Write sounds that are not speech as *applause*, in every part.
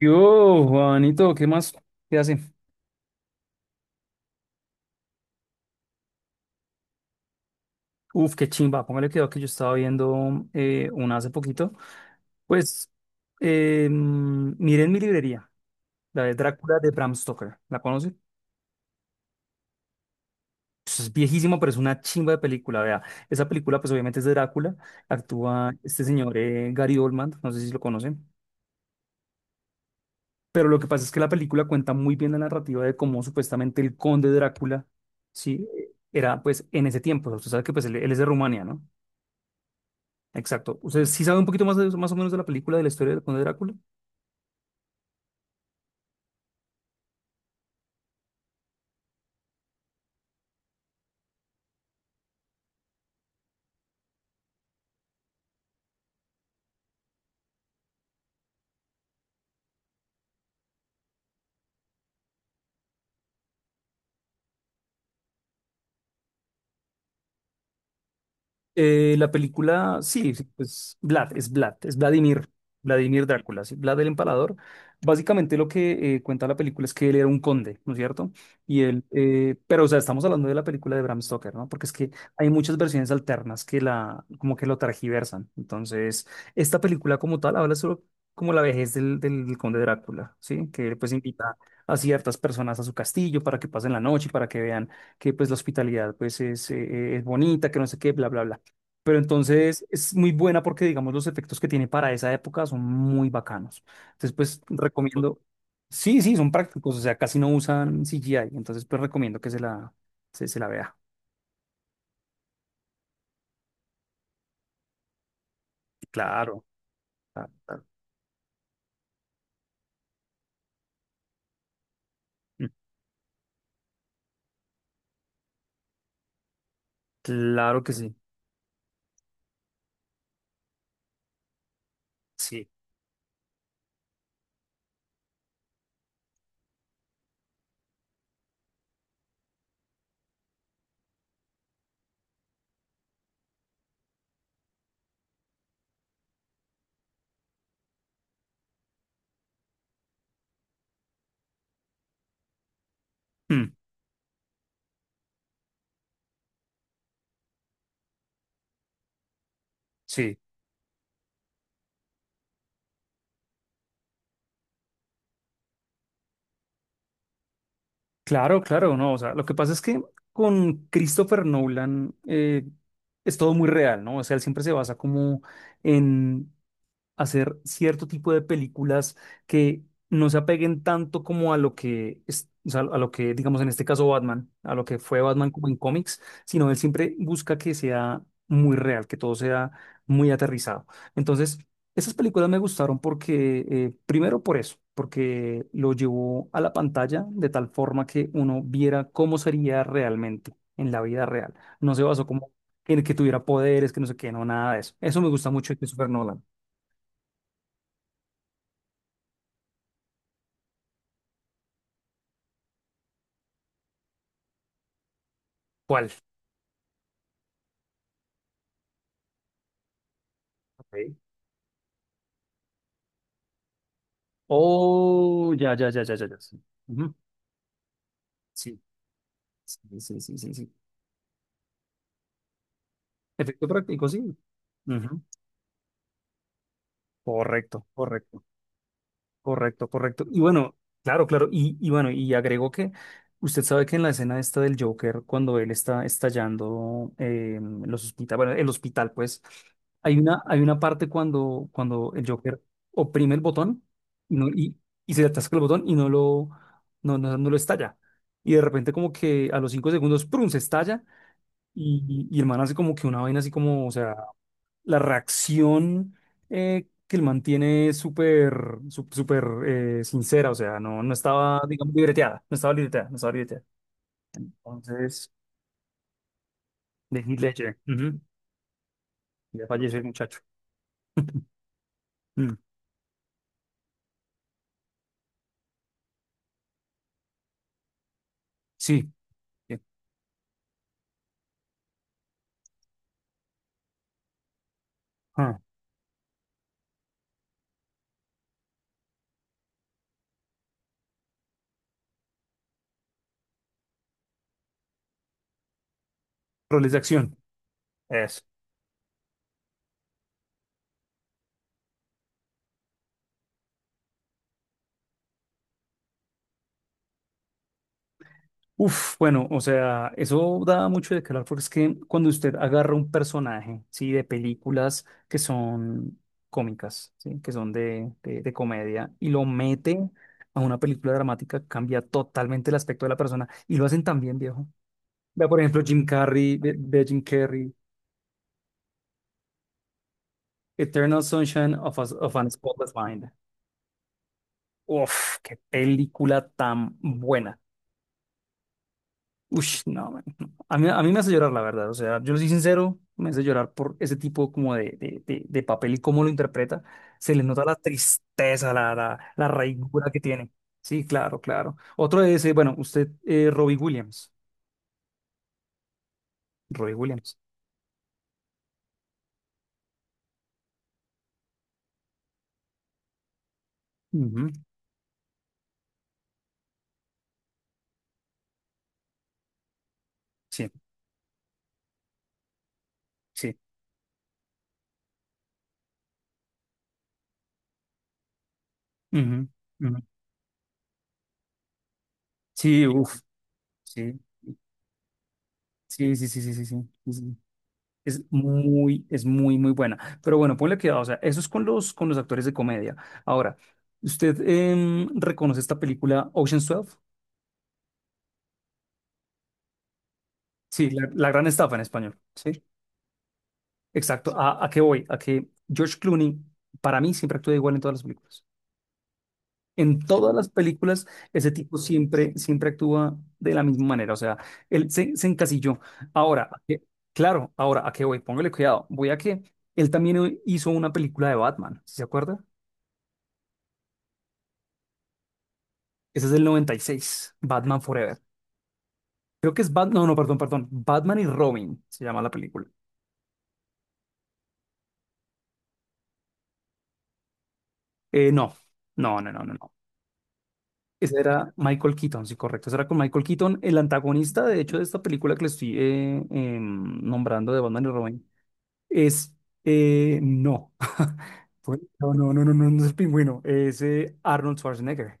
Yo, Juanito, ¿qué más? ¿Qué hace? Uf, qué chimba. Póngale cuidado que yo estaba viendo una hace poquito. Pues, miren mi librería, la de Drácula de Bram Stoker. ¿La conoce? Pues es viejísima, pero es una chimba de película. Vea, esa película, pues obviamente es de Drácula. Actúa este señor Gary Oldman, no sé si lo conocen. Pero lo que pasa es que la película cuenta muy bien la narrativa de cómo supuestamente el conde Drácula, sí, era pues en ese tiempo. Usted sabe que pues él es de Rumania, ¿no? Exacto. ¿Usted sí sabe un poquito más, más o menos de la película, de la historia de Conde Drácula? La película, sí, sí, pues Vlad, es Vladimir Drácula, sí, Vlad el Empalador. Básicamente lo que cuenta la película es que él era un conde, ¿no es cierto? Y él, pero o sea, estamos hablando de la película de Bram Stoker, ¿no? Porque es que hay muchas versiones alternas que la, como que lo tergiversan. Entonces, esta película como tal habla sobre como la vejez del conde Drácula, ¿sí? Que pues invita a ciertas personas a su castillo para que pasen la noche y para que vean que pues la hospitalidad pues es bonita, que no sé qué, bla, bla, bla. Pero entonces es muy buena porque, digamos, los efectos que tiene para esa época son muy bacanos. Entonces, pues recomiendo. Sí, sí, son prácticos, o sea, casi no usan CGI. Entonces, pues recomiendo que se la vea. Claro, claro, claro. Mm, claro que sí. Sí. Mm, sí. Claro, claro, no. O sea, lo que pasa es que con Christopher Nolan, es todo muy real, ¿no? O sea, él siempre se basa como en hacer cierto tipo de películas que no se apeguen tanto como a lo que es, o sea, a lo que, digamos, en este caso Batman, a lo que fue Batman como en cómics, sino él siempre busca que sea muy real, que todo sea muy aterrizado. Entonces, esas películas me gustaron porque, primero por eso, porque lo llevó a la pantalla de tal forma que uno viera cómo sería realmente en la vida real. No se basó como en que tuviera poderes, que no sé qué, no, nada de eso. Eso me gusta mucho de Christopher Nolan. ¿Cuál? Ok. Oh, ya, ya, ya, ya, ya, ya. Sí. Ujú. Sí, sí, sí, sí, sí, sí. Efecto práctico, sí. Ujú. Correcto, correcto. Correcto, correcto. Y bueno, claro, claro. Y bueno, y agregó que usted sabe que en la escena esta del Joker, cuando él está estallando, los hospitales, bueno, el hospital, pues, hay una parte cuando el Joker oprime el botón y, no, y se le atasca el botón y no lo estalla. Y de repente como que a los 5 segundos, ¡prum!, se estalla y el man hace como que una vaina así, como, o sea, la reacción que él mantiene súper, sincera, o sea, no, no estaba, digamos, libreteada, no estaba libreteada, no estaba libreteada. Entonces, de Heath Ledger, ujú. Ya falleció el muchacho. *laughs* Mm, sí, bien. Ah, roles de acción. Uf, bueno, o sea, eso da mucho de qué hablar porque es que cuando usted agarra un personaje, ¿sí? De películas que son cómicas, ¿sí? Que son de comedia y lo mete a una película dramática, cambia totalmente el aspecto de la persona y lo hacen tan bien, viejo. Vea, por ejemplo, Jim Carrey, ve Jim Carrey, Eternal Sunshine of a Spotless Mind. Uf, qué película tan buena. Ush, no, man, no. A mí me hace llorar, la verdad. O sea, yo lo soy sincero, me hace llorar por ese tipo como de papel y cómo lo interpreta. Se le nota la tristeza, la raigura que tiene. Sí, claro, claro. Otro es, bueno, usted, Robbie Williams. Robbie Williams. Ujú. Sí, sí. Ujú, ujú. Sí, uff, sí. Sí, sí, sí, sí, sí, sí. Sí, sí. Es muy, muy buena. Pero bueno, ponle cuidado, o sea, eso es con los, actores de comedia. Ahora, ¿usted reconoce esta película Ocean's 12? Sí, la gran estafa en español. Sí, exacto. ¿A qué voy? A que George Clooney, para mí, siempre actúa igual en todas las películas. En todas las películas, ese tipo siempre, siempre actúa de la misma manera. O sea, él se encasilló. Ahora, claro, ahora, ¿a qué voy? Póngale cuidado. Voy a que él también hizo una película de Batman, ¿sí?, ¿se acuerda? Ese es del 96, Batman Forever. Creo que es Batman, no, no, perdón, perdón. Batman y Robin se llama la película. No, no, no, no, no, no. Ese era Michael Keaton, sí, correcto. Ese era con Michael Keaton, el antagonista, de hecho, de esta película que le estoy nombrando de Batman y Robin. Es, no. *laughs* No, no, no, no, no, no es el pingüino, es Arnold Schwarzenegger.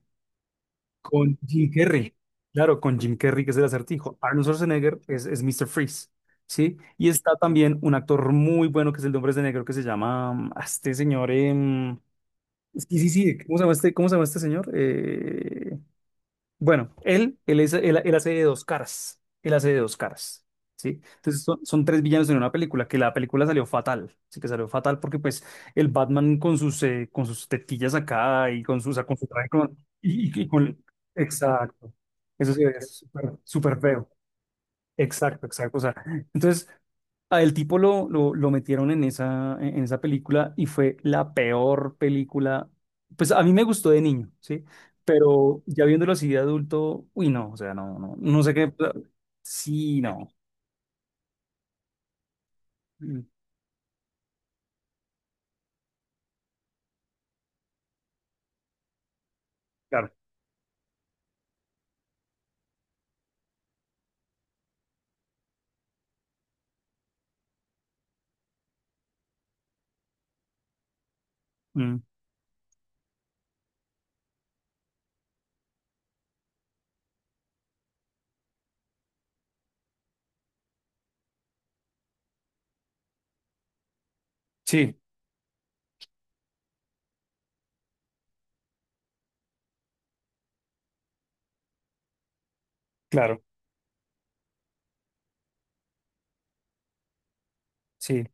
Con Jim Carrey, claro, con Jim Carrey, que es el acertijo. Arnold Schwarzenegger es Mr. Freeze, ¿sí? Y está también un actor muy bueno que es el de Hombres de Negro, que se llama, este señor, sí, sí, sí, ¿cómo se llama este, señor? Bueno, él hace de dos caras. Él hace de dos caras. ¿Sí? Entonces son tres villanos en una película, que la película salió fatal. Sí que salió fatal porque pues el Batman con sus tetillas acá y con sus, o sea, con su traje con... con... Exacto. Eso sí es súper súper feo. Exacto, exacto. O sea, entonces, a el tipo lo metieron en esa película y fue la peor película. Pues a mí me gustó de niño, ¿sí? Pero ya viéndolo así de adulto, uy, no, o sea, no, no, no sé qué. Sí, no. Mm, claro. Mm, sí, claro, sí,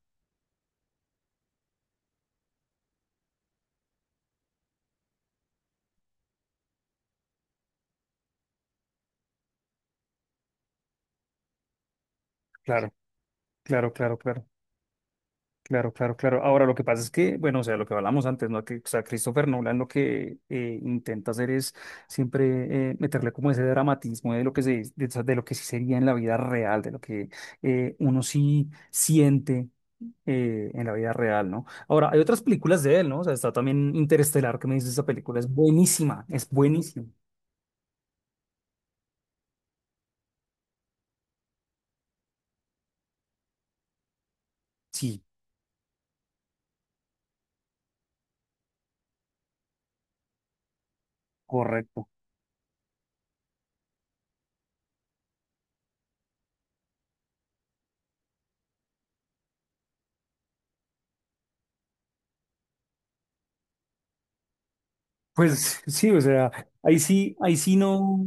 claro, claro, claro, claro. Claro, claro, claro. Ahora, lo que pasa es que, bueno, o sea, lo que hablamos antes, ¿no? Que, o sea, Christopher Nolan lo que intenta hacer es siempre, meterle como ese dramatismo de lo que se, de lo que sí sería en la vida real, de lo que, uno sí siente, en la vida real, ¿no? Ahora, hay otras películas de él, ¿no? O sea, está también Interestelar, que me dices, esa película es buenísima, es buenísima. Sí, correcto. Pues sí, o sea, ahí sí no,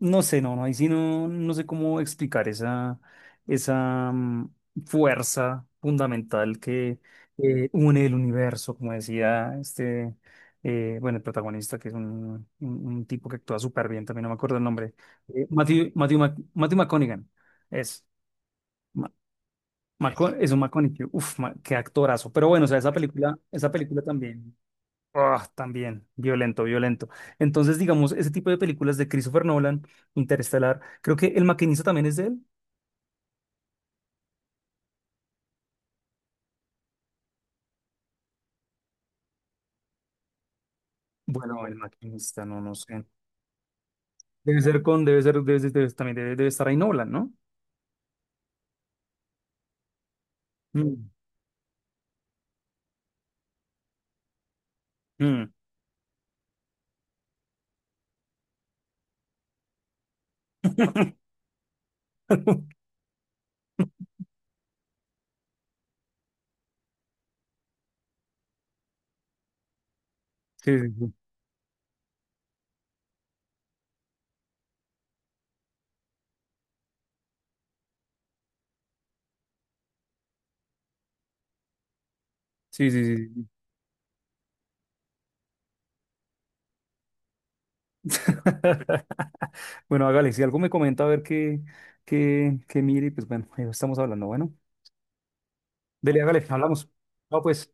no sé, no, no, ahí sí no, no sé cómo explicar esa fuerza fundamental que, une el universo, como decía este, bueno, el protagonista, que es un tipo que actúa súper bien, también no me acuerdo el nombre, Matthew McConaughey, es, Ma- Eso, es un McConaughey, uff, qué actorazo, pero bueno, o sea, esa película también. Ah, también, violento, violento. Entonces, digamos, ese tipo de películas de Christopher Nolan, Interestelar, creo que El Maquinista también es de él. Bueno, El Maquinista, no, no sé. Debe ser con, debe ser, Debe estar ahí Nolan, ¿no? Mm, mm. *laughs* Sí, sí, sí, sí, sí. Sí. Sí. *laughs* Bueno, hágale, si algo me comenta, a ver qué mire, y pues bueno, ahí estamos hablando. Bueno, dele, hágale, hablamos. No, pues.